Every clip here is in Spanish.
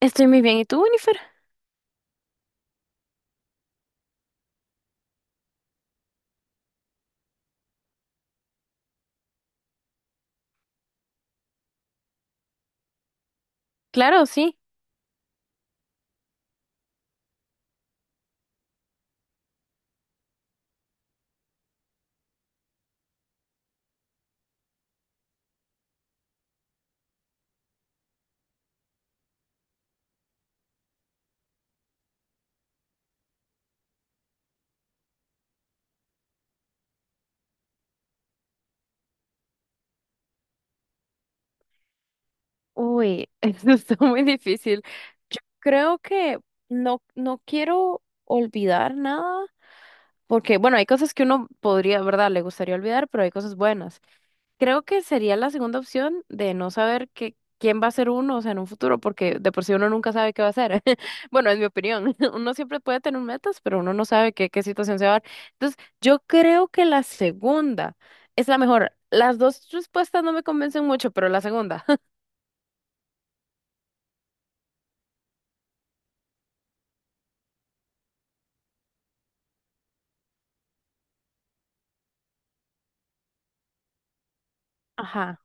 Estoy muy bien. ¿Y tú, Winifred? Claro, sí. Uy, eso está muy difícil. Yo creo que no quiero olvidar nada, porque, bueno, hay cosas que uno podría, ¿verdad? Le gustaría olvidar, pero hay cosas buenas. Creo que sería la segunda opción de no saber que, quién va a ser uno, o sea, en un futuro, porque de por sí uno nunca sabe qué va a ser. Bueno, es mi opinión. Uno siempre puede tener metas, pero uno no sabe qué situación se va a dar. Entonces, yo creo que la segunda es la mejor. Las dos respuestas no me convencen mucho, pero la segunda. Ajá,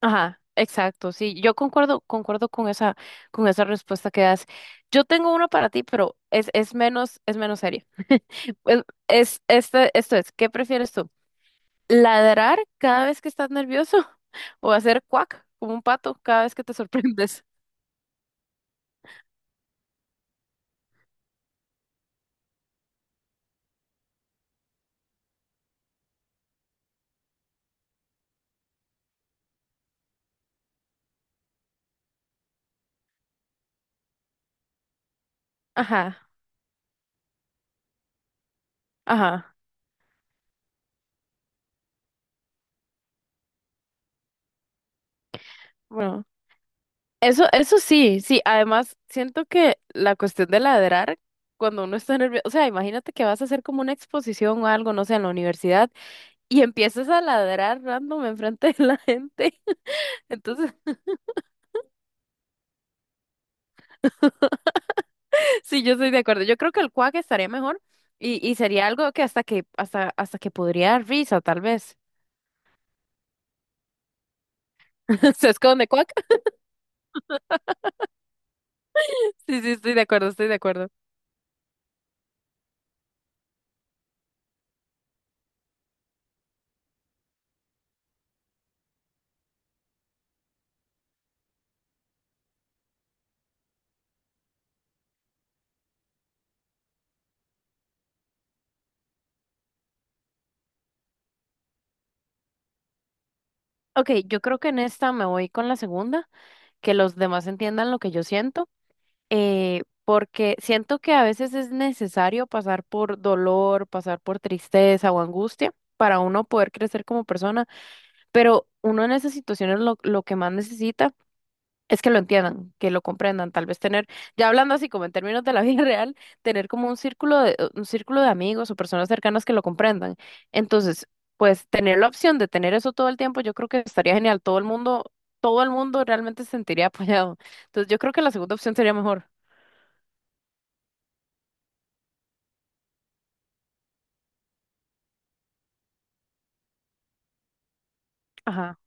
ajá, exacto. Sí, yo concuerdo con esa respuesta que das. Yo tengo una para ti, pero es menos, es menos seria. Pues, Es, este, esto es, ¿qué prefieres tú? Ladrar cada vez que estás nervioso o hacer cuac como un pato cada vez que te sorprendes. Ajá, ajá. Bueno, eso sí, sí. Además, siento que la cuestión de ladrar cuando uno está nervioso, o sea, imagínate que vas a hacer como una exposición o algo, no sé, en la universidad y empiezas a ladrar random enfrente de la gente. Entonces, sí, yo estoy de acuerdo. Yo creo que el cuac estaría mejor. Y sería algo que hasta que podría dar risa, tal vez. Se esconde. Sí, sí, estoy de acuerdo, estoy de acuerdo. Ok, yo creo que en esta me voy con la segunda, que los demás entiendan lo que yo siento, porque siento que a veces es necesario pasar por dolor, pasar por tristeza o angustia para uno poder crecer como persona, pero uno en esas situaciones lo que más necesita. Es que lo entiendan, que lo comprendan, tal vez tener, ya hablando así como en términos de la vida real, tener como un círculo de amigos o personas cercanas que lo comprendan. Entonces, pues tener la opción de tener eso todo el tiempo, yo creo que estaría genial. Todo el mundo realmente se sentiría apoyado. Entonces, yo creo que la segunda opción sería mejor. Ajá.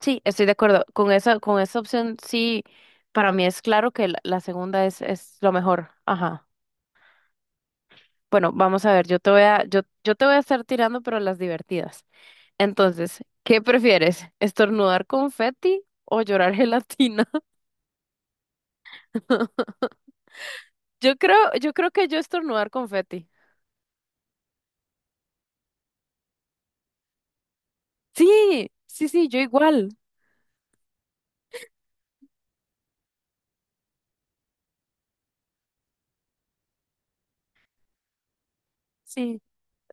Sí, estoy de acuerdo. Con esa opción, sí, para mí es claro que la segunda es lo mejor. Ajá. Bueno, vamos a ver, yo te voy a estar tirando, pero las divertidas. Entonces, ¿qué prefieres? ¿Estornudar confeti o llorar gelatina? Yo creo que yo estornudar confeti. Sí, sí, sí, yo igual. Sí.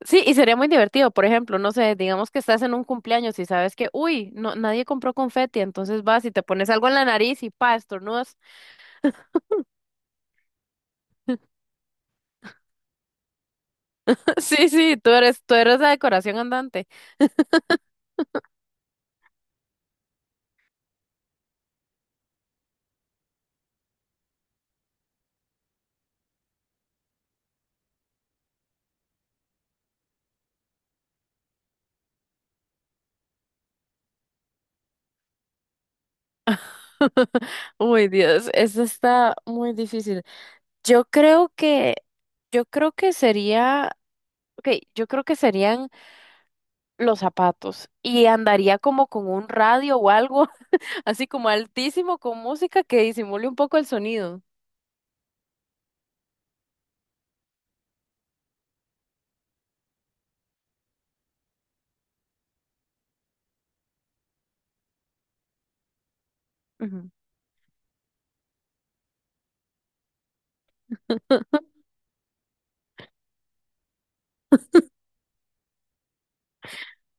Sí, y sería muy divertido, por ejemplo, no sé, digamos que estás en un cumpleaños y sabes que, uy, no, nadie compró confeti, entonces vas y te pones algo en la nariz y pa, estornudas. Sí, sí, tú eres la decoración andante. Uy, Dios, eso está muy difícil. Yo creo que, yo creo que sería, ok, yo creo que serían los zapatos y andaría como con un radio o algo así como altísimo con música que disimule un poco el sonido. Ujú.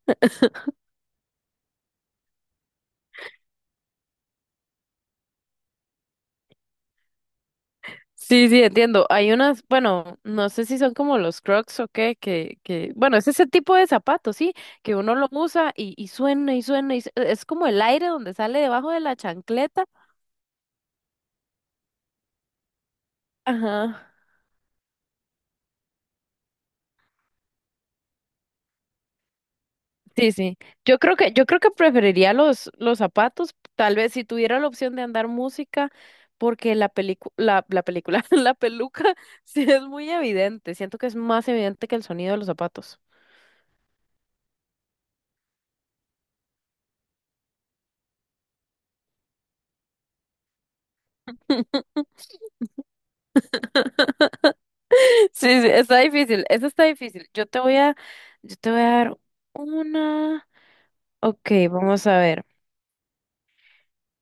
Sí, sí, entiendo. Hay unas, bueno, no sé si son como los Crocs o qué, bueno, es ese tipo de zapatos, sí, que uno lo usa y suena y es como el aire donde sale debajo de la chancleta. Ajá. Sí, sí. Yo creo que preferiría los zapatos, tal vez si tuviera la opción de andar música, porque la película, la peluca sí es muy evidente. Siento que es más evidente que el sonido de los zapatos. Sí, sí, está difícil, eso está difícil. Yo te voy a dar una. Ok, vamos a ver.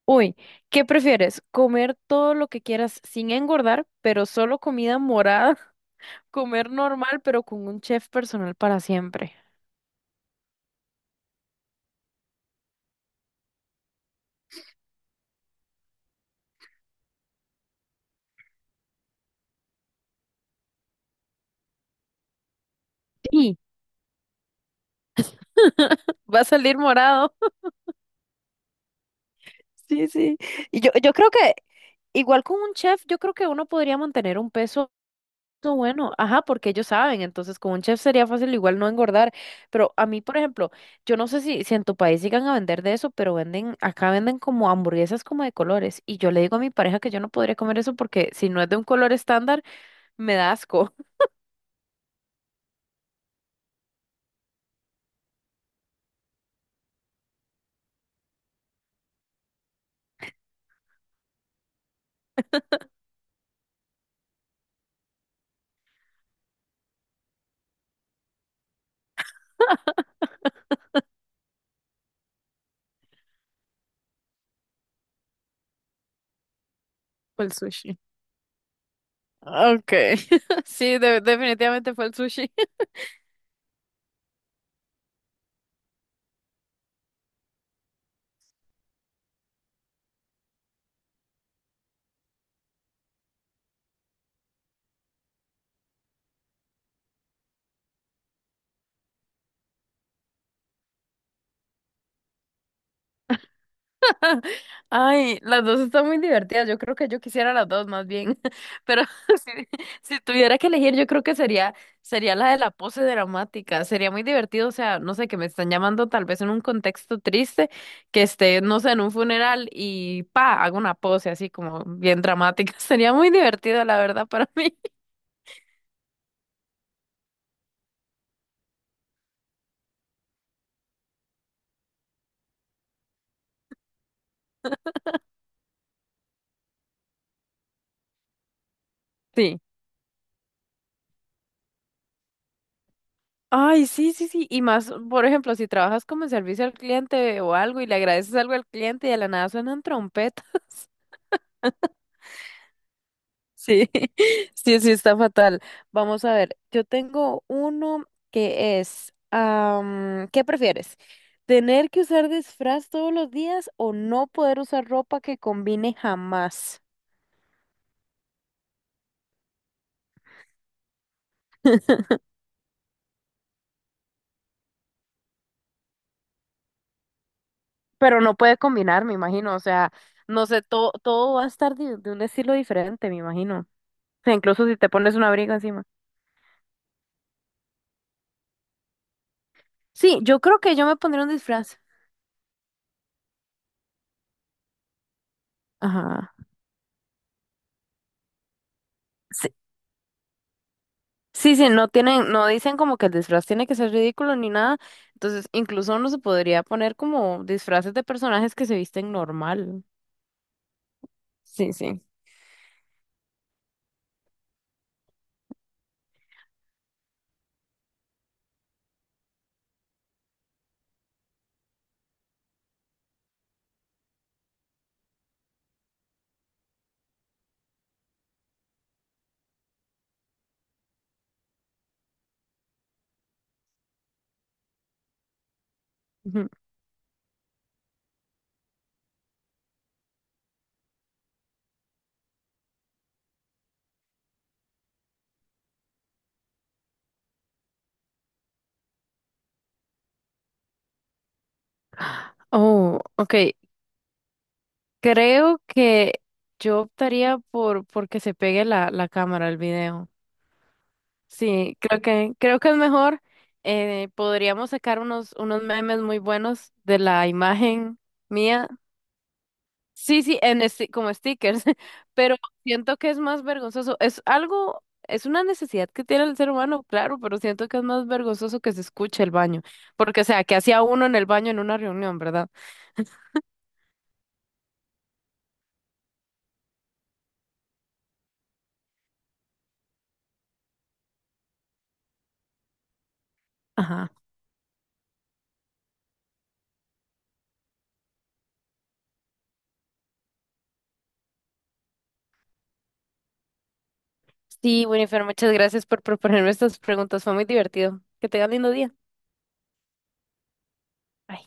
Uy, ¿qué prefieres? ¿Comer todo lo que quieras sin engordar, pero solo comida morada? ¿Comer normal, pero con un chef personal para siempre? Sí, va a salir morado. Sí, sí. Yo creo que, igual con un chef, yo creo que uno podría mantener un peso bueno, ajá, porque ellos saben, entonces con un chef sería fácil igual no engordar, pero a mí, por ejemplo, yo no sé si en tu país llegan a vender de eso, pero venden, acá venden como hamburguesas como de colores, y yo le digo a mi pareja que yo no podría comer eso porque si no es de un color estándar, me da asco. Fue el sushi. Okay. Sí, definitivamente fue el sushi. Ay, las dos están muy divertidas. Yo creo que yo quisiera las dos más bien. Pero si, si tuviera que elegir, yo creo que sería, sería la de la pose dramática. Sería muy divertido, o sea, no sé, que me están llamando tal vez en un contexto triste, que esté, no sé, en un funeral y pa, hago una pose así como bien dramática. Sería muy divertido, la verdad, para mí. Sí. Ay, sí, sí, sí. Y más, por ejemplo, si trabajas como en servicio al cliente o algo y le agradeces algo al cliente y de la nada suenan trompetas. Sí, sí, sí, está fatal. Vamos a ver, yo tengo uno que es, am, ¿qué prefieres? ¿Tener que usar disfraz todos los días o no poder usar ropa que combine jamás? Pero no puede combinar, me imagino, o sea, no sé, todo va a estar de un estilo diferente, me imagino. O sea, incluso si te pones un abrigo encima. Sí, yo creo que yo me pondría un disfraz. Ajá. Sí, sí, no tienen, no dicen como que el disfraz tiene que ser ridículo ni nada. Entonces, incluso uno se podría poner como disfraces de personajes que se visten normal. Sí, sí. Ujú. Oh, ok. Creo que yo optaría por que se pegue la cámara al video. Sí, creo que es mejor. Podríamos sacar unos memes muy buenos de la imagen mía. Sí, sí, en como stickers, pero siento que es más vergonzoso. Es algo, es una necesidad que tiene el ser humano, claro, pero siento que es más vergonzoso que se escuche el baño, porque o sea, que hacía uno en el baño en una reunión, ¿verdad? Ajá. Sí, Winifred, muchas gracias por proponerme estas preguntas, fue muy divertido. Que tengan lindo día. Bye.